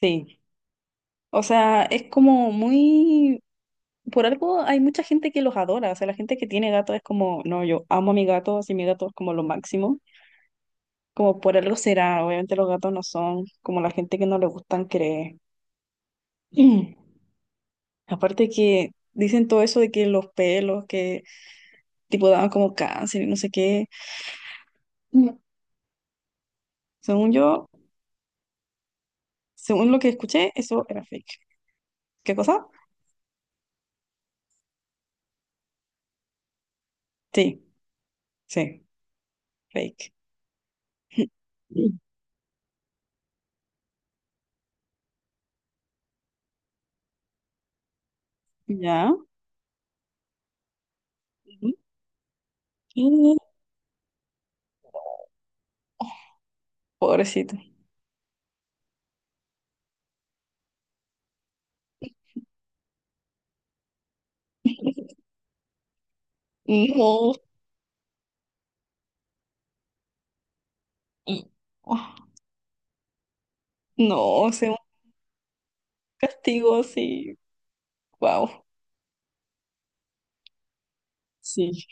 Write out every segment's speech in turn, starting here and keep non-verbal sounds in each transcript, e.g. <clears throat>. Sí, o sea, es como muy... Por algo hay mucha gente que los adora, o sea, la gente que tiene gato es como, no, yo amo a mi gato, así mi gato es como lo máximo, como por algo será, obviamente los gatos no son como la gente que no le gustan cree. <clears throat> Aparte que dicen todo eso de que los pelos, que tipo daban como cáncer y no sé qué. <clears throat> Mm. Según yo, según lo que escuché, eso era fake. ¿Qué cosa? Sí, sí, fake. <clears throat> <laughs> Mm. Ya. Ujú. Y- Pobrecito. No, y- no, o sea, un castigo así, wow. Sí.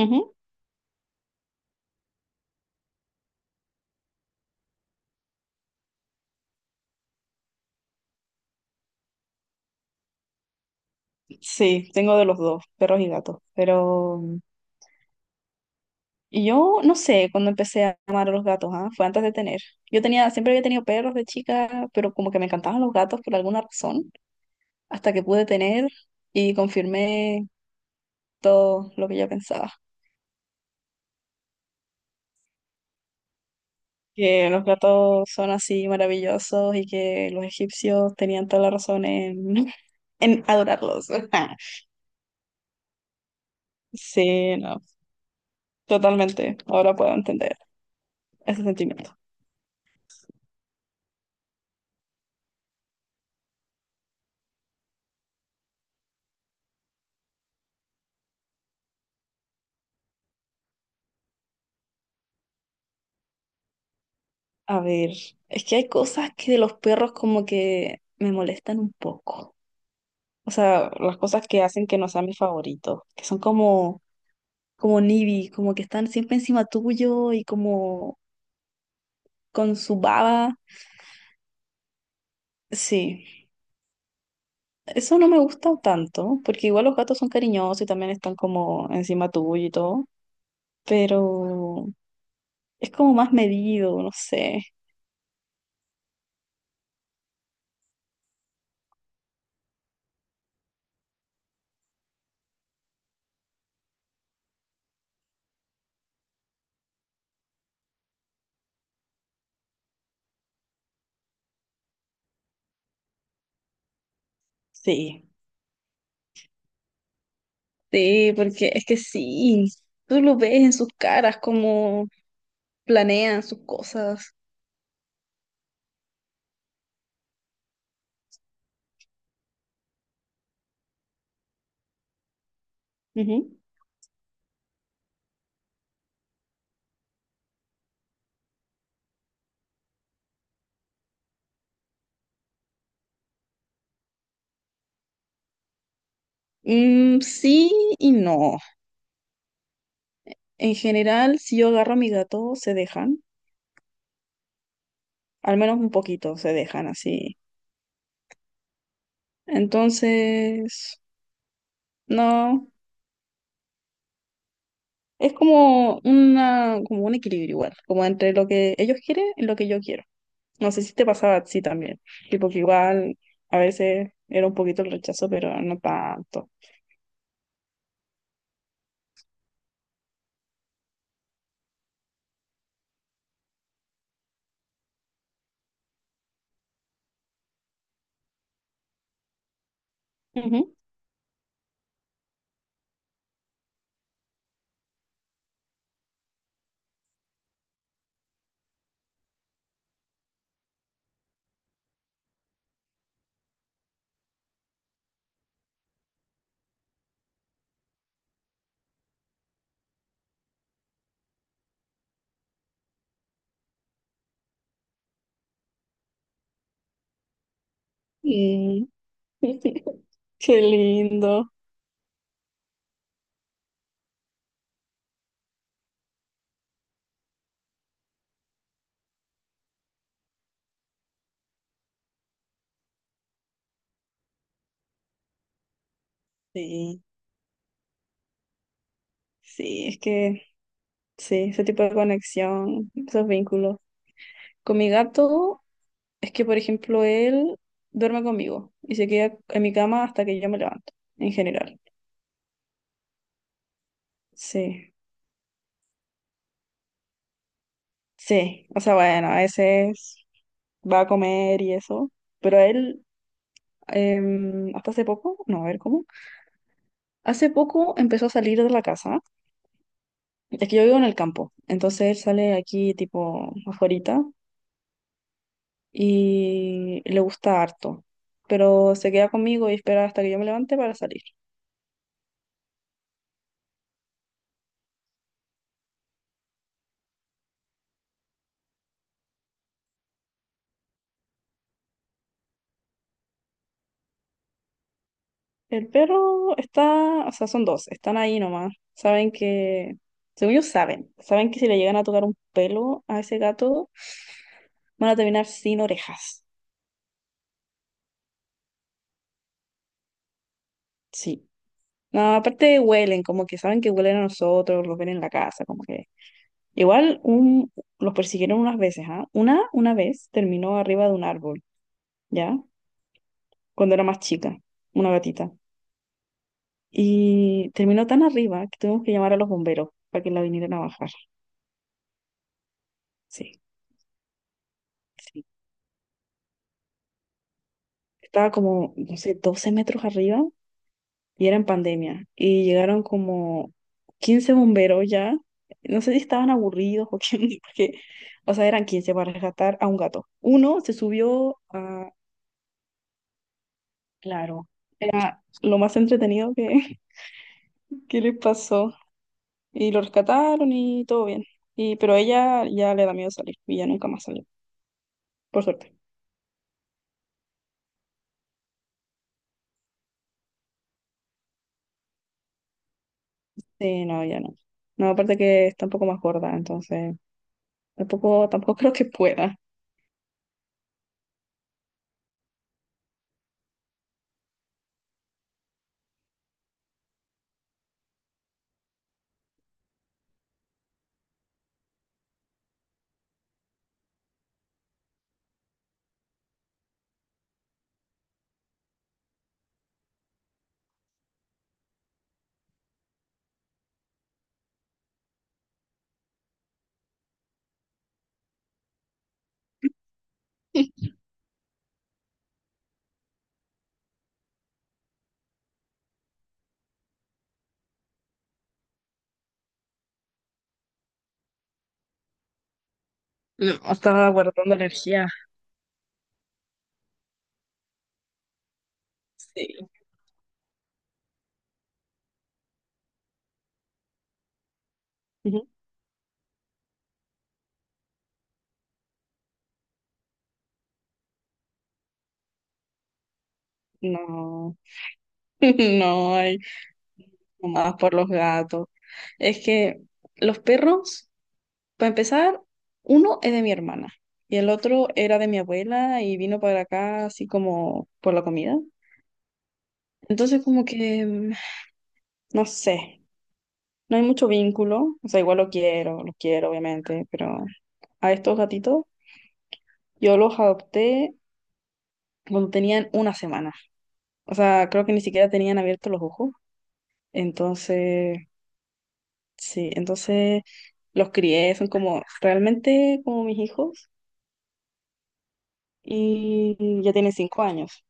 Ujú. Sí, tengo de los dos, perros y gatos. Pero y yo no sé cuando empecé a amar a los gatos, ¿ah? Fue antes de tener. Yo tenía, siempre había tenido perros de chica, pero como que me encantaban los gatos por alguna razón, hasta que pude tener y confirmé todo lo que yo pensaba. Que los gatos son así maravillosos y que los egipcios tenían toda la razón en, <laughs> en adorarlos. <laughs> Sí, no, totalmente. Ahora puedo entender ese sentimiento. A ver, es que hay cosas que de los perros como que me molestan un poco. O sea, las cosas que hacen que no sean mis favoritos, que son como, como nibi, como que están siempre encima tuyo y como con su baba. Sí, eso no me gusta tanto, porque igual los gatos son cariñosos y también están como encima tuyo y todo, pero es como más medido, no sé. Sí. Sí, porque es que sí, tú lo ves en sus caras, cómo planean sus cosas. Ujú. Mm, sí y no. En general, si yo agarro a mi gato, se dejan, al menos un poquito, se dejan así. Entonces, no, es como una, como un equilibrio igual, como entre lo que ellos quieren y lo que yo quiero. No sé si te pasaba a ti también, tipo que igual a veces era un poquito el rechazo, pero no tanto. Ujú. <laughs> Qué lindo. Sí, sí, es que sí, ese tipo de conexión, esos vínculos. Con mi gato, es que, por ejemplo, él duerme conmigo y se queda en mi cama hasta que yo me levanto, en general. Sí, sí, o sea, bueno, a veces va a comer y eso, pero él, hasta hace poco, no, a ver cómo, hace poco empezó a salir de la casa, es que yo vivo en el campo, entonces él sale aquí tipo afuera y le gusta harto, pero se queda conmigo y espera hasta que yo me levante para salir. El perro está, o sea, son dos, están ahí nomás. Saben que, según ellos saben, saben que si le llegan a tocar un pelo a ese gato, van a terminar sin orejas. Sí. No, aparte huelen, como que saben que huelen a nosotros, los ven en la casa, como que... Igual un, los persiguieron unas veces, ¿ah? Una vez terminó arriba de un árbol, ¿ya? Cuando era más chica, una gatita. Y terminó tan arriba que tuvimos que llamar a los bomberos para que la vinieran a bajar. Sí, sí. Estaba como, no sé, 12 metros arriba y era en pandemia. Y llegaron como 15 bomberos ya. No sé si estaban aburridos o qué, <laughs> porque, o sea, eran 15 para rescatar a un gato. Uno se subió a, claro, era lo más entretenido que, <laughs> que les pasó. Y lo rescataron y todo bien. Y, pero ella ya le da miedo salir y ya nunca más salió, por suerte. Sí, no, ya no. No, aparte que está un poco más gorda, entonces tampoco, tampoco <laughs> creo que pueda. No, estaba guardando energía. Sí. Ujú. No, <laughs> no hay más por los gatos. Es que los perros, para empezar, uno es de mi hermana y el otro era de mi abuela y vino para acá así como por la comida. Entonces como que, no sé, no hay mucho vínculo. O sea, igual lo quiero obviamente, pero a estos gatitos yo los adopté cuando tenían una semana. O sea, creo que ni siquiera tenían abiertos los ojos. Entonces, sí, entonces los crié, son como realmente como mis hijos y ya tienen 5 años.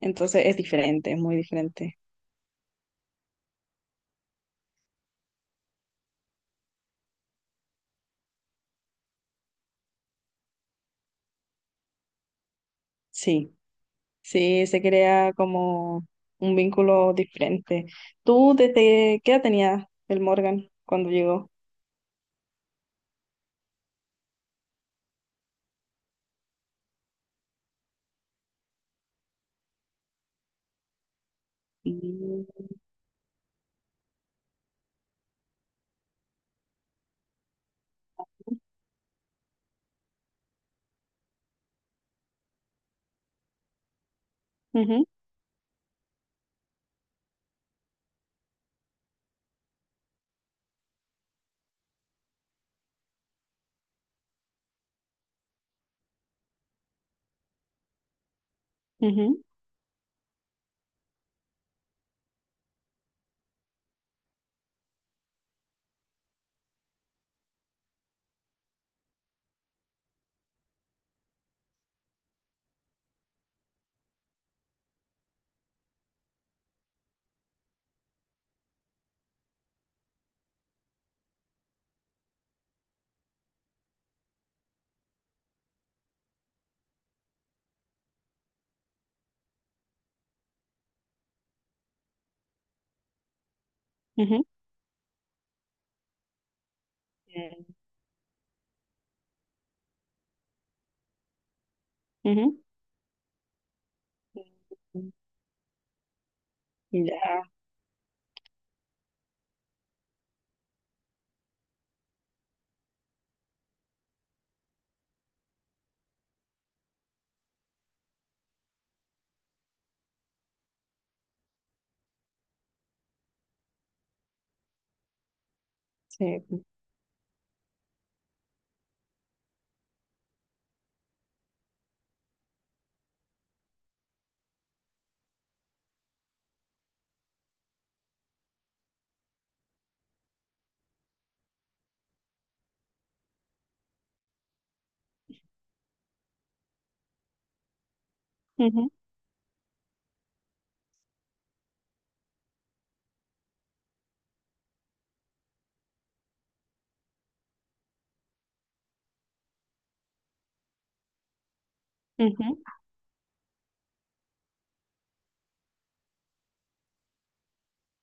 Entonces es diferente, es muy diferente. Sí, sí, se crea como un vínculo diferente. ¿Tú desde qué edad tenía el Morgan cuando llegó? Mm, ujú, ujú, ujú, mm, ujú. Mm. Ya. Sí. Ujú, ujú.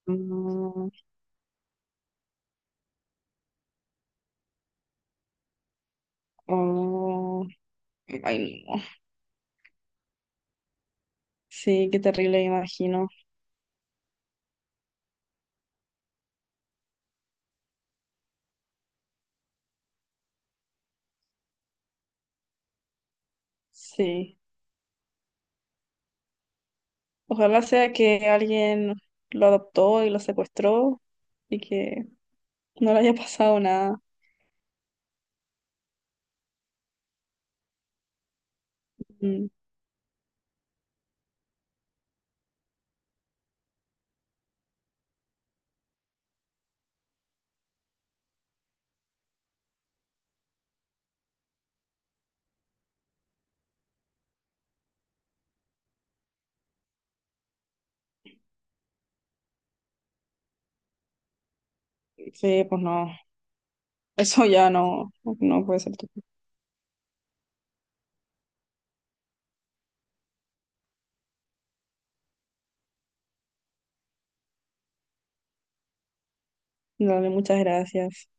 Mm, oh, ay, no. Sí, qué terrible, me imagino. Sí. Ojalá sea que alguien lo adoptó y lo secuestró y que no le haya pasado nada. Mm, sí, pues no. Eso ya no, no puede ser. Dale, muchas gracias.